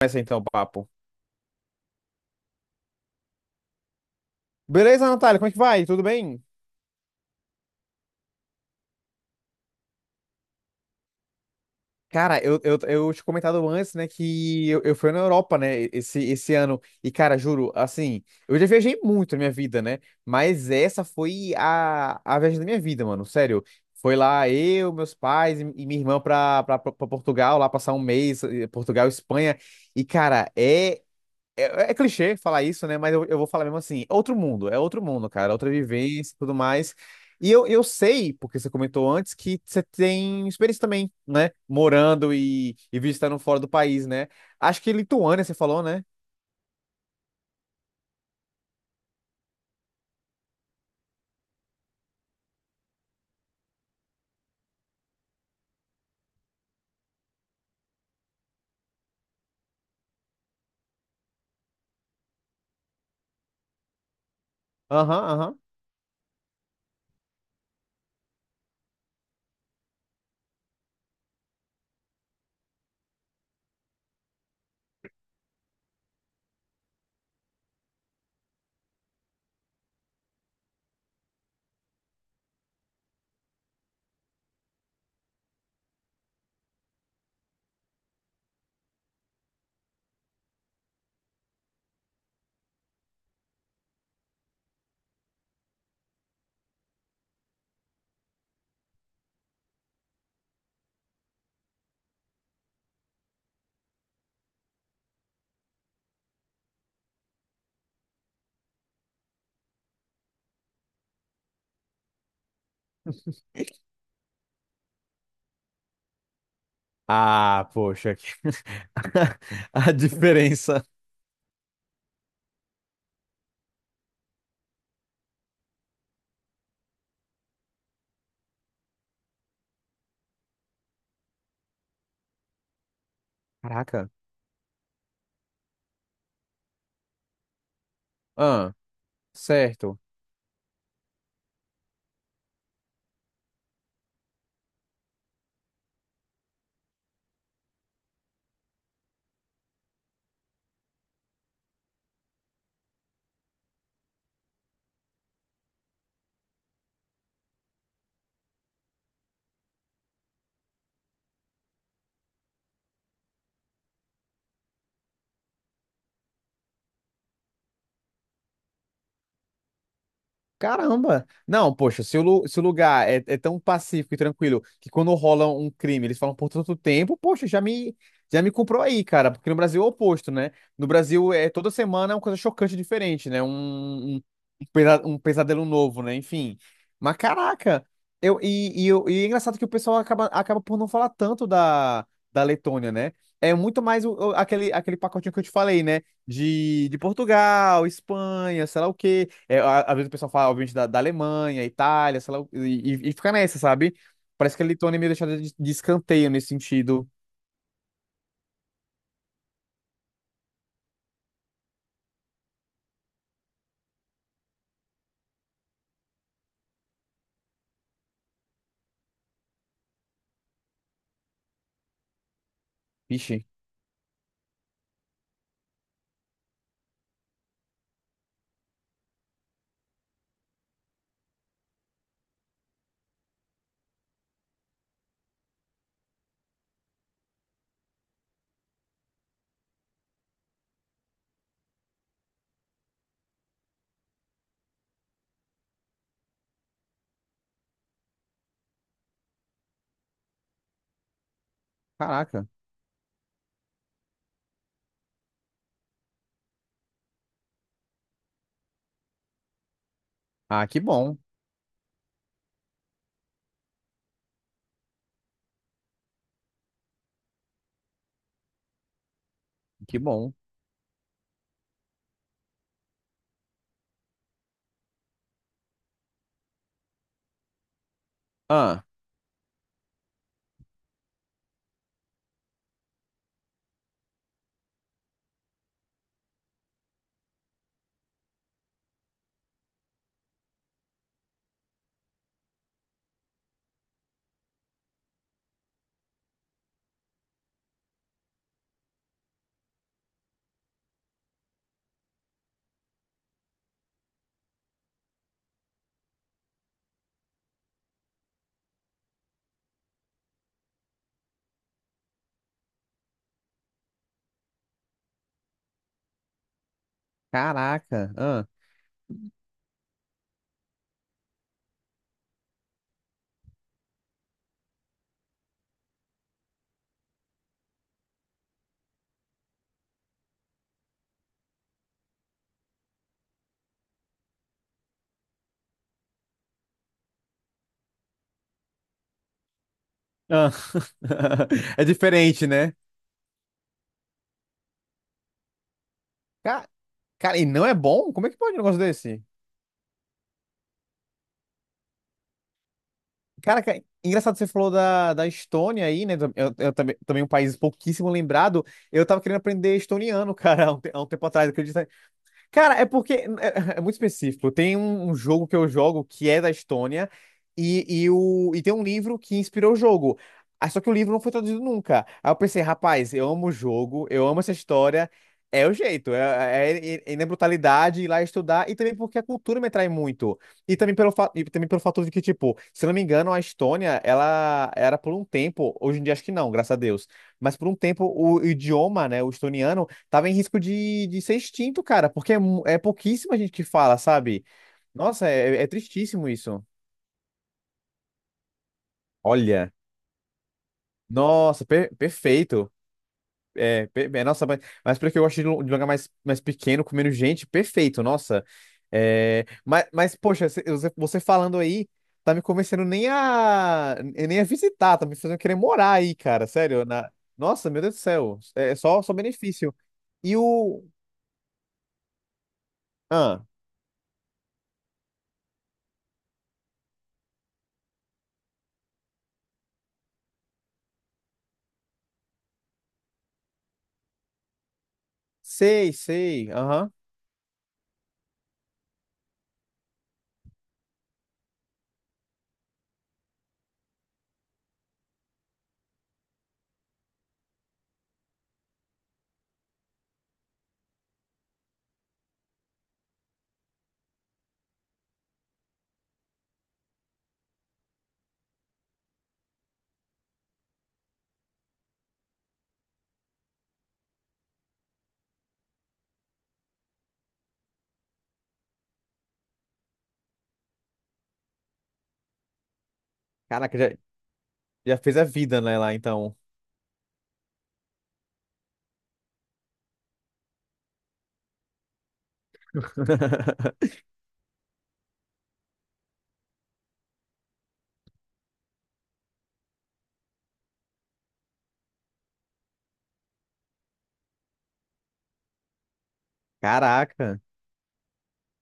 Começa então o papo. Beleza, Natália, como é que vai? Tudo bem? Cara, eu tinha comentado antes, né, que eu fui na Europa, né, esse ano. E, cara, juro, assim, eu já viajei muito na minha vida, né? Mas essa foi a viagem da minha vida, mano, sério. Foi lá eu, meus pais e minha irmã pra Portugal, lá passar um mês, Portugal, Espanha. E, cara, é clichê falar isso, né? Mas eu vou falar mesmo assim. É outro mundo, é outro mundo, cara. Outra vivência e tudo mais. E eu sei, porque você comentou antes, que você tem experiência também, né? Morando e visitando fora do país, né? Acho que Lituânia, você falou, né? Aham, aham. Ah, poxa. A diferença. Caraca. Ah, certo. Caramba! Não, poxa, se o lugar é tão pacífico e tranquilo que quando rola um crime eles falam por tanto tempo, poxa, já me comprou aí, cara, porque no Brasil é o oposto, né? No Brasil é toda semana é uma coisa chocante diferente, né? Um pesadelo novo, né? Enfim. Mas caraca! Eu, e, eu- e é engraçado que o pessoal acaba por não falar tanto da Letônia, né? É muito mais aquele pacotinho que eu te falei, né? De Portugal, Espanha, sei lá o quê. É, às vezes o pessoal fala, obviamente, da Alemanha, Itália, sei lá, e fica nessa, sabe? Parece que a Letônia é meio deixada de escanteio nesse sentido. Vixe, caraca. Ah, que bom, que bom. Ah, caraca. Ah, ah. É diferente, né? Ca- Cara, e não é bom? Como é que pode um negócio desse? Cara, engraçado que você falou da Estônia aí, né? Eu também, um país pouquíssimo lembrado. Eu tava querendo aprender estoniano, cara, há um tempo atrás, acredita? Cara, é porque é muito específico. Tem um jogo que eu jogo que é da Estônia e tem um livro que inspirou o jogo. Ah, só que o livro não foi traduzido nunca. Aí eu pensei, rapaz, eu amo o jogo, eu amo essa história. É o jeito, é na brutalidade ir lá estudar e também porque a cultura me atrai muito. E também pelo fato de que, tipo, se eu não me engano, a Estônia, ela era por um tempo, hoje em dia acho que não, graças a Deus, mas por um tempo o idioma, né, o estoniano tava em risco de ser extinto, cara, porque é pouquíssima gente que fala, sabe? Nossa, é tristíssimo isso. Olha, nossa, perfeito. É, nossa, mas porque eu gosto de um lugar mais, pequeno, com menos gente, perfeito, nossa. É, mas, poxa, você falando aí, tá me convencendo nem a visitar, tá me fazendo querer morar aí, cara, sério. Nossa, meu Deus do céu, é só benefício. E o. Ah, sei, sei, aham. Caraca, já. Já fez a vida, né, lá então. Caraca.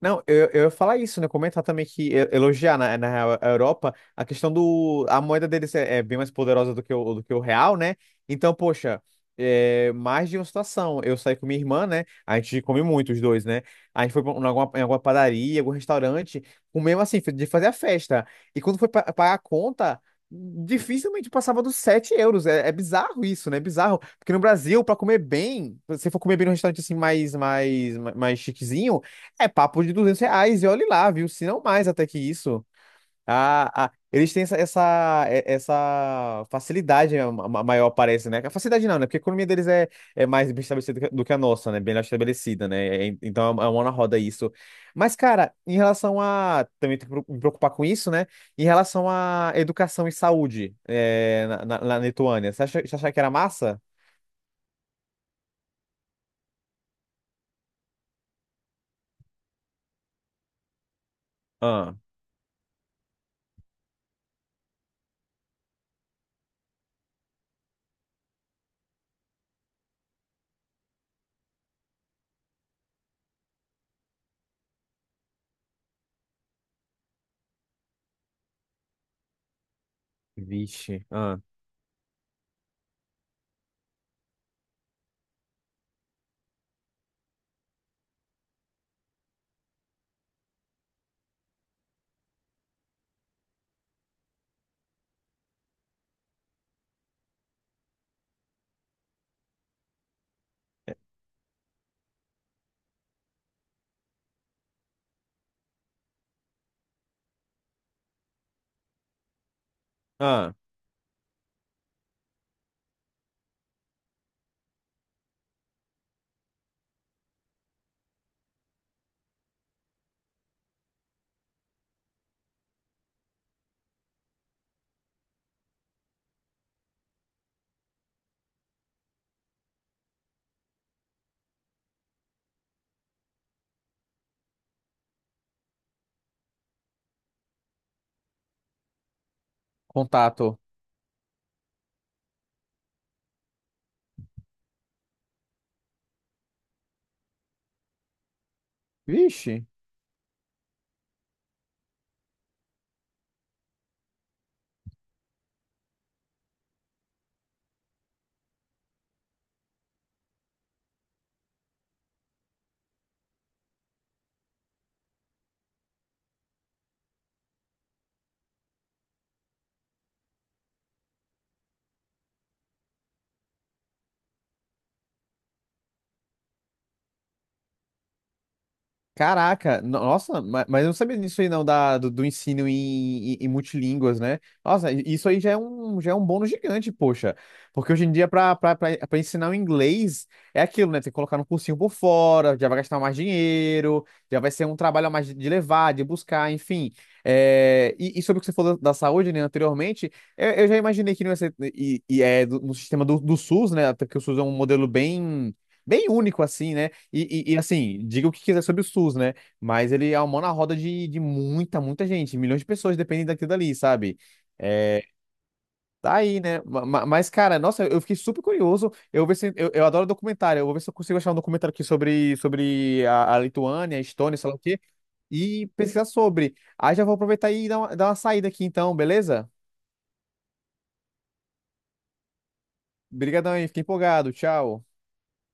Não, eu ia falar isso, né? Comentar também que elogiar na real, a Europa a questão do. A moeda deles é bem mais poderosa do que o real, né? Então, poxa, mais de uma situação. Eu saí com minha irmã, né? A gente come muito, os dois, né? A gente foi em alguma padaria, algum restaurante, comemos assim, de fazer a festa. E quando foi pagar a conta, dificilmente passava dos 7 euros. É bizarro isso, né? É bizarro. Porque no Brasil, pra comer bem, se for comer bem num restaurante assim mais chiquezinho. É papo de R$ 200, e olhe lá, viu? Se não mais até que isso. Ah, ah, eles têm essa facilidade maior, parece, né? A facilidade não, né? Porque a economia deles é mais bem estabelecida do que a nossa, né? Bem estabelecida, né? Então é uma mão na roda isso. Mas, cara, em relação a. Também tenho que me preocupar com isso, né? Em relação à educação e saúde na Lituânia, você acha que era massa? Ah, vixe. Ah, ah, contato. Vixe. Caraca, nossa, mas eu não sabia disso aí não, do ensino em multilínguas, né? Nossa, isso aí já é um bônus gigante, poxa. Porque hoje em dia, para ensinar o inglês, é aquilo, né? Tem que colocar no cursinho por fora, já vai gastar mais dinheiro, já vai ser um trabalho a mais de levar, de buscar, enfim. É, e sobre o que você falou da saúde, né, anteriormente, eu já imaginei que não ia ser, no sistema do SUS, né? Até que o SUS é um modelo bem único, assim, né? E, assim, diga o que quiser sobre o SUS, né? Mas ele é uma mão na roda de muita, muita gente. Milhões de pessoas dependem daquilo dali, sabe? É, tá aí, né? Mas, cara, nossa, eu fiquei super curioso. Eu vou ver se, eu adoro documentário. Eu vou ver se eu consigo achar um documentário aqui sobre a Lituânia, a Estônia, sei lá o quê, e pesquisar sobre. Aí já vou aproveitar e dar uma saída aqui, então, beleza? Obrigadão aí, fiquei empolgado. Tchau.